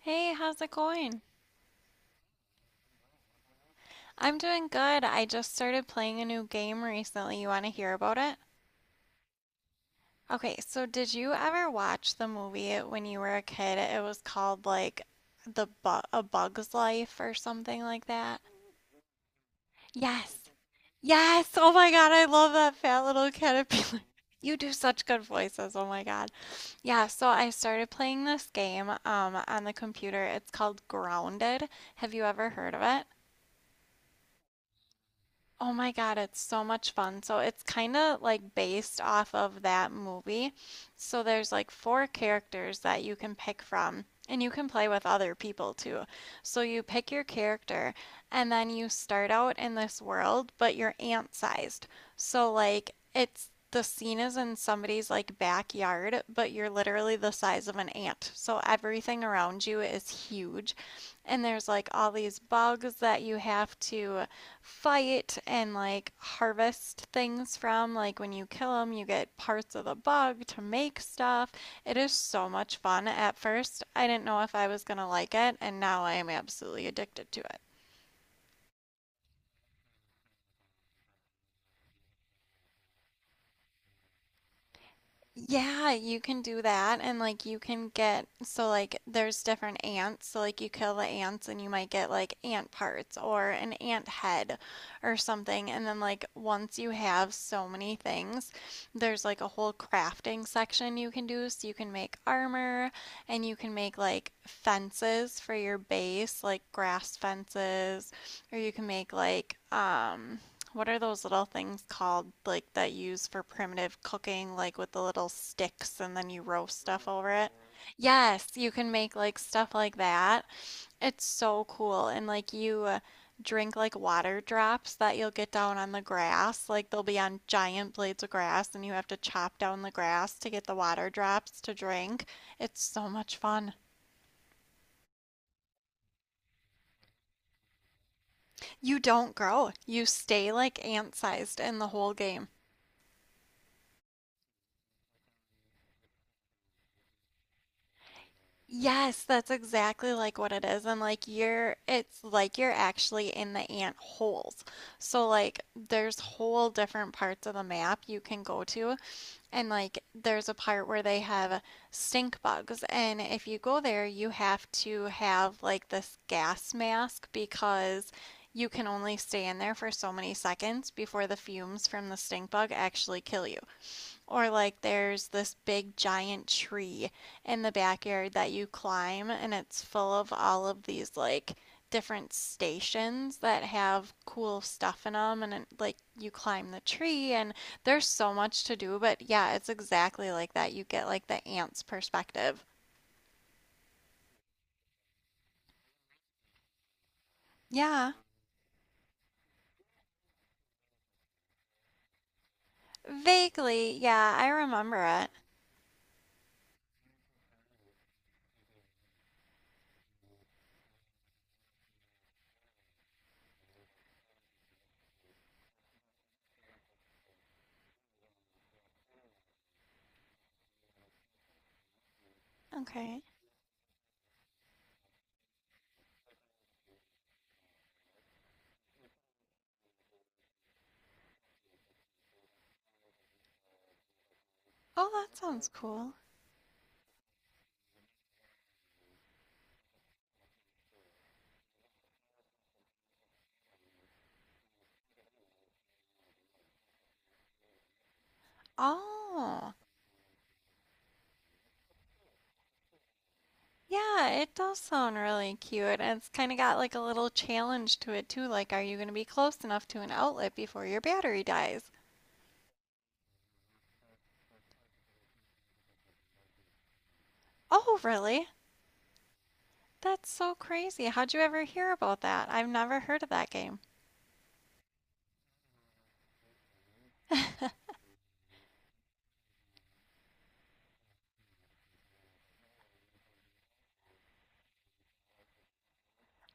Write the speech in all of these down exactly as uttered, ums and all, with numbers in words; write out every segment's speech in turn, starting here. Hey, how's it going? I'm doing good. I just started playing a new game recently. You want to hear about it? Okay, so did you ever watch the movie when you were a kid? It was called like The Bu A Bug's Life or something like that. Yes. Yes. Oh my God, I love that fat little caterpillar. You do such good voices. Oh my God. Yeah, so I started playing this game um on the computer. It's called Grounded. Have you ever heard of it? Oh my God, it's so much fun. So it's kind of like based off of that movie. So there's like four characters that you can pick from, and you can play with other people too. So you pick your character, and then you start out in this world, but you're ant-sized. So like it's the scene is in somebody's like backyard, but you're literally the size of an ant. So everything around you is huge. And there's like all these bugs that you have to fight and like harvest things from. Like when you kill them, you get parts of the bug to make stuff. It is so much fun. At first, I didn't know if I was gonna like it, and now I am absolutely addicted to it. Yeah, you can do that and like you can get so like there's different ants. So like you kill the ants and you might get like ant parts or an ant head or something. And then like once you have so many things, there's like a whole crafting section you can do. So you can make armor and you can make like fences for your base, like grass fences, or you can make like um what are those little things called, like that you use for primitive cooking, like with the little sticks and then you roast stuff over it? Yes, you can make like stuff like that. It's so cool. And like you uh, drink like water drops that you'll get down on the grass. Like they'll be on giant blades of grass and you have to chop down the grass to get the water drops to drink. It's so much fun. You don't grow. You stay like ant-sized in the whole game. Yes, that's exactly like what it is. And like you're, it's like you're actually in the ant holes. So like there's whole different parts of the map you can go to. And like there's a part where they have stink bugs. And if you go there, you have to have like this gas mask because you can only stay in there for so many seconds before the fumes from the stink bug actually kill you. Or like there's this big giant tree in the backyard that you climb and it's full of all of these like different stations that have cool stuff in them and it, like you climb the tree and there's so much to do, but yeah, it's exactly like that. You get like the ant's perspective. Yeah, vaguely. Yeah, I remember it. Okay. Oh, that sounds cool. Oh. Yeah, it does sound really cute. And it's kind of got like a little challenge to it too. Like, are you going to be close enough to an outlet before your battery dies? Oh, really? That's so crazy. How'd you ever hear about that? I've never heard of that game.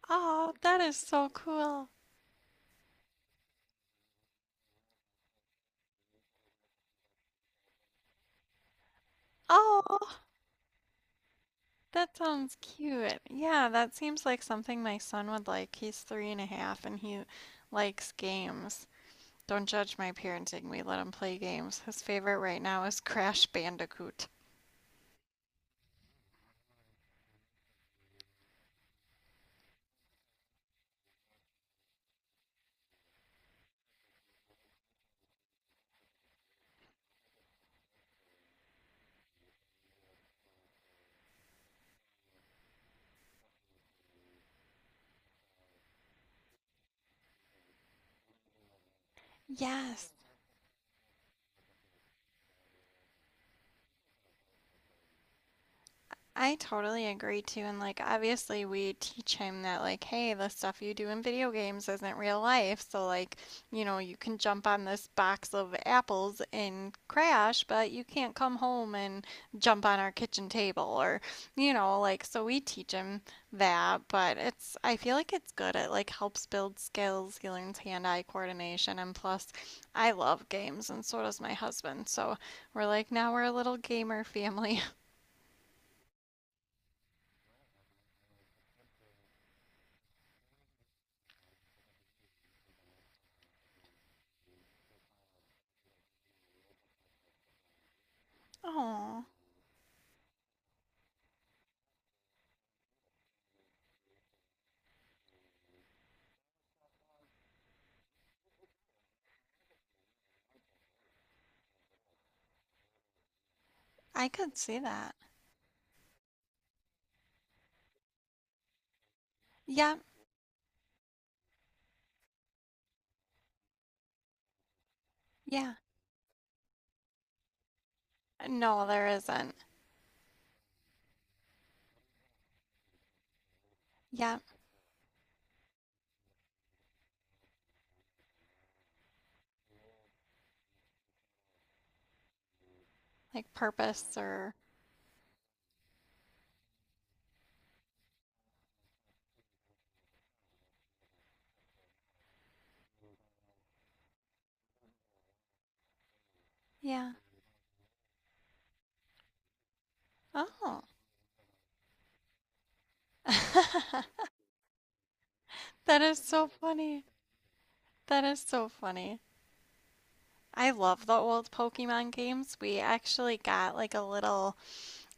Oh, that is so cool. Oh, that sounds cute. Yeah, that seems like something my son would like. He's three and a half and he likes games. Don't judge my parenting. We let him play games. His favorite right now is Crash Bandicoot. Yes, I totally agree too, and like obviously we teach him that like, hey, the stuff you do in video games isn't real life. So like, you know, you can jump on this box of apples and crash, but you can't come home and jump on our kitchen table or, you know, like so we teach him that, but it's I feel like it's good. It like helps build skills. He learns hand-eye coordination, and plus, I love games, and so does my husband. So we're like now we're a little gamer family. Oh. I could see that. Yeah. Yeah. No, there isn't. Yeah. Like purpose or yeah. Oh. That is so funny. That is so funny. I love the old Pokemon games. We actually got like a little,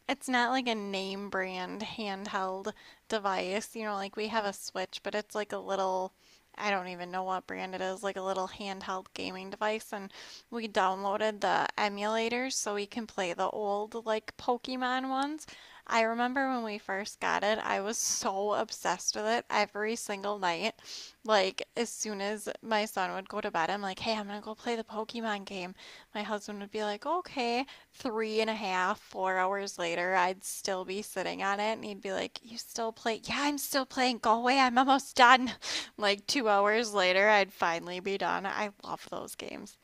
it's not like a name brand handheld device. You know, like we have a Switch, but it's like a little, I don't even know what brand it is, like a little handheld gaming device. And we downloaded the emulators so we can play the old, like, Pokemon ones. I remember when we first got it, I was so obsessed with it every single night. Like, as soon as my son would go to bed, I'm like, hey, I'm gonna go play the Pokemon game. My husband would be like, okay three and a half, four hours later, I'd still be sitting on it, and he'd be like, "You still play? Yeah, I'm still playing. Go away. I'm almost done." Like two hours later, I'd finally be done. I love those games.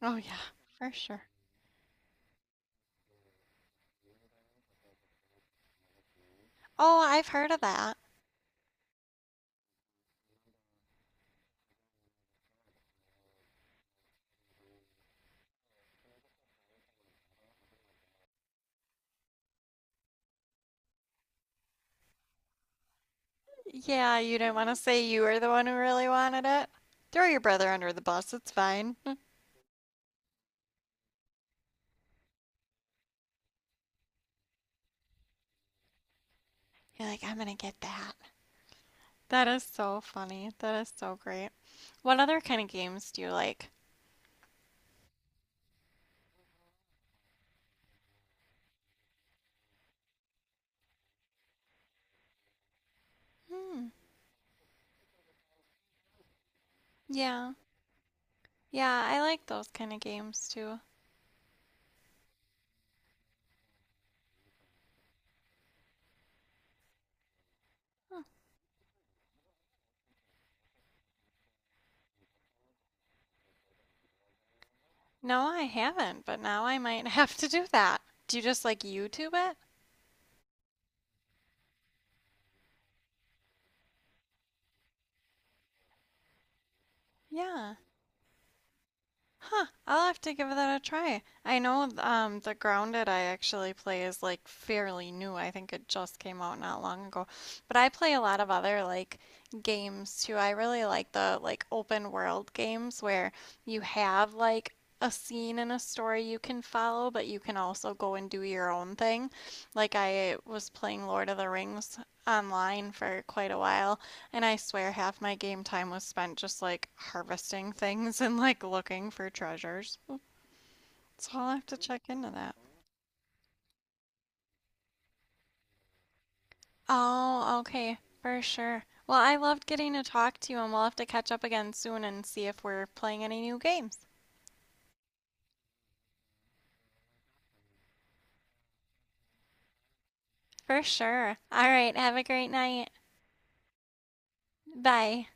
Oh yeah, for sure. Oh, I've heard of that. Yeah, you didn't want to say you were the one who really wanted it. Throw your brother under the bus. It's fine. You're like, I'm gonna get that. That is so funny. That is so great. What other kind of games do you like? Hmm. Yeah. Yeah, I like those kind of games too. Hmm. No, I haven't, but now I might have to do that. Do you just like YouTube it? Yeah. Huh, I'll have to give that a try. I know um the Grounded I actually play is like fairly new. I think it just came out not long ago. But I play a lot of other like games too. I really like the like open world games where you have like a scene and a story you can follow, but you can also go and do your own thing. Like I was playing Lord of the Rings online for quite a while and I swear half my game time was spent just like harvesting things and like looking for treasures. So I'll have to check into that. Oh, okay, for sure. Well, I loved getting to talk to you, and we'll have to catch up again soon and see if we're playing any new games. For sure. All right, have a great night. Bye.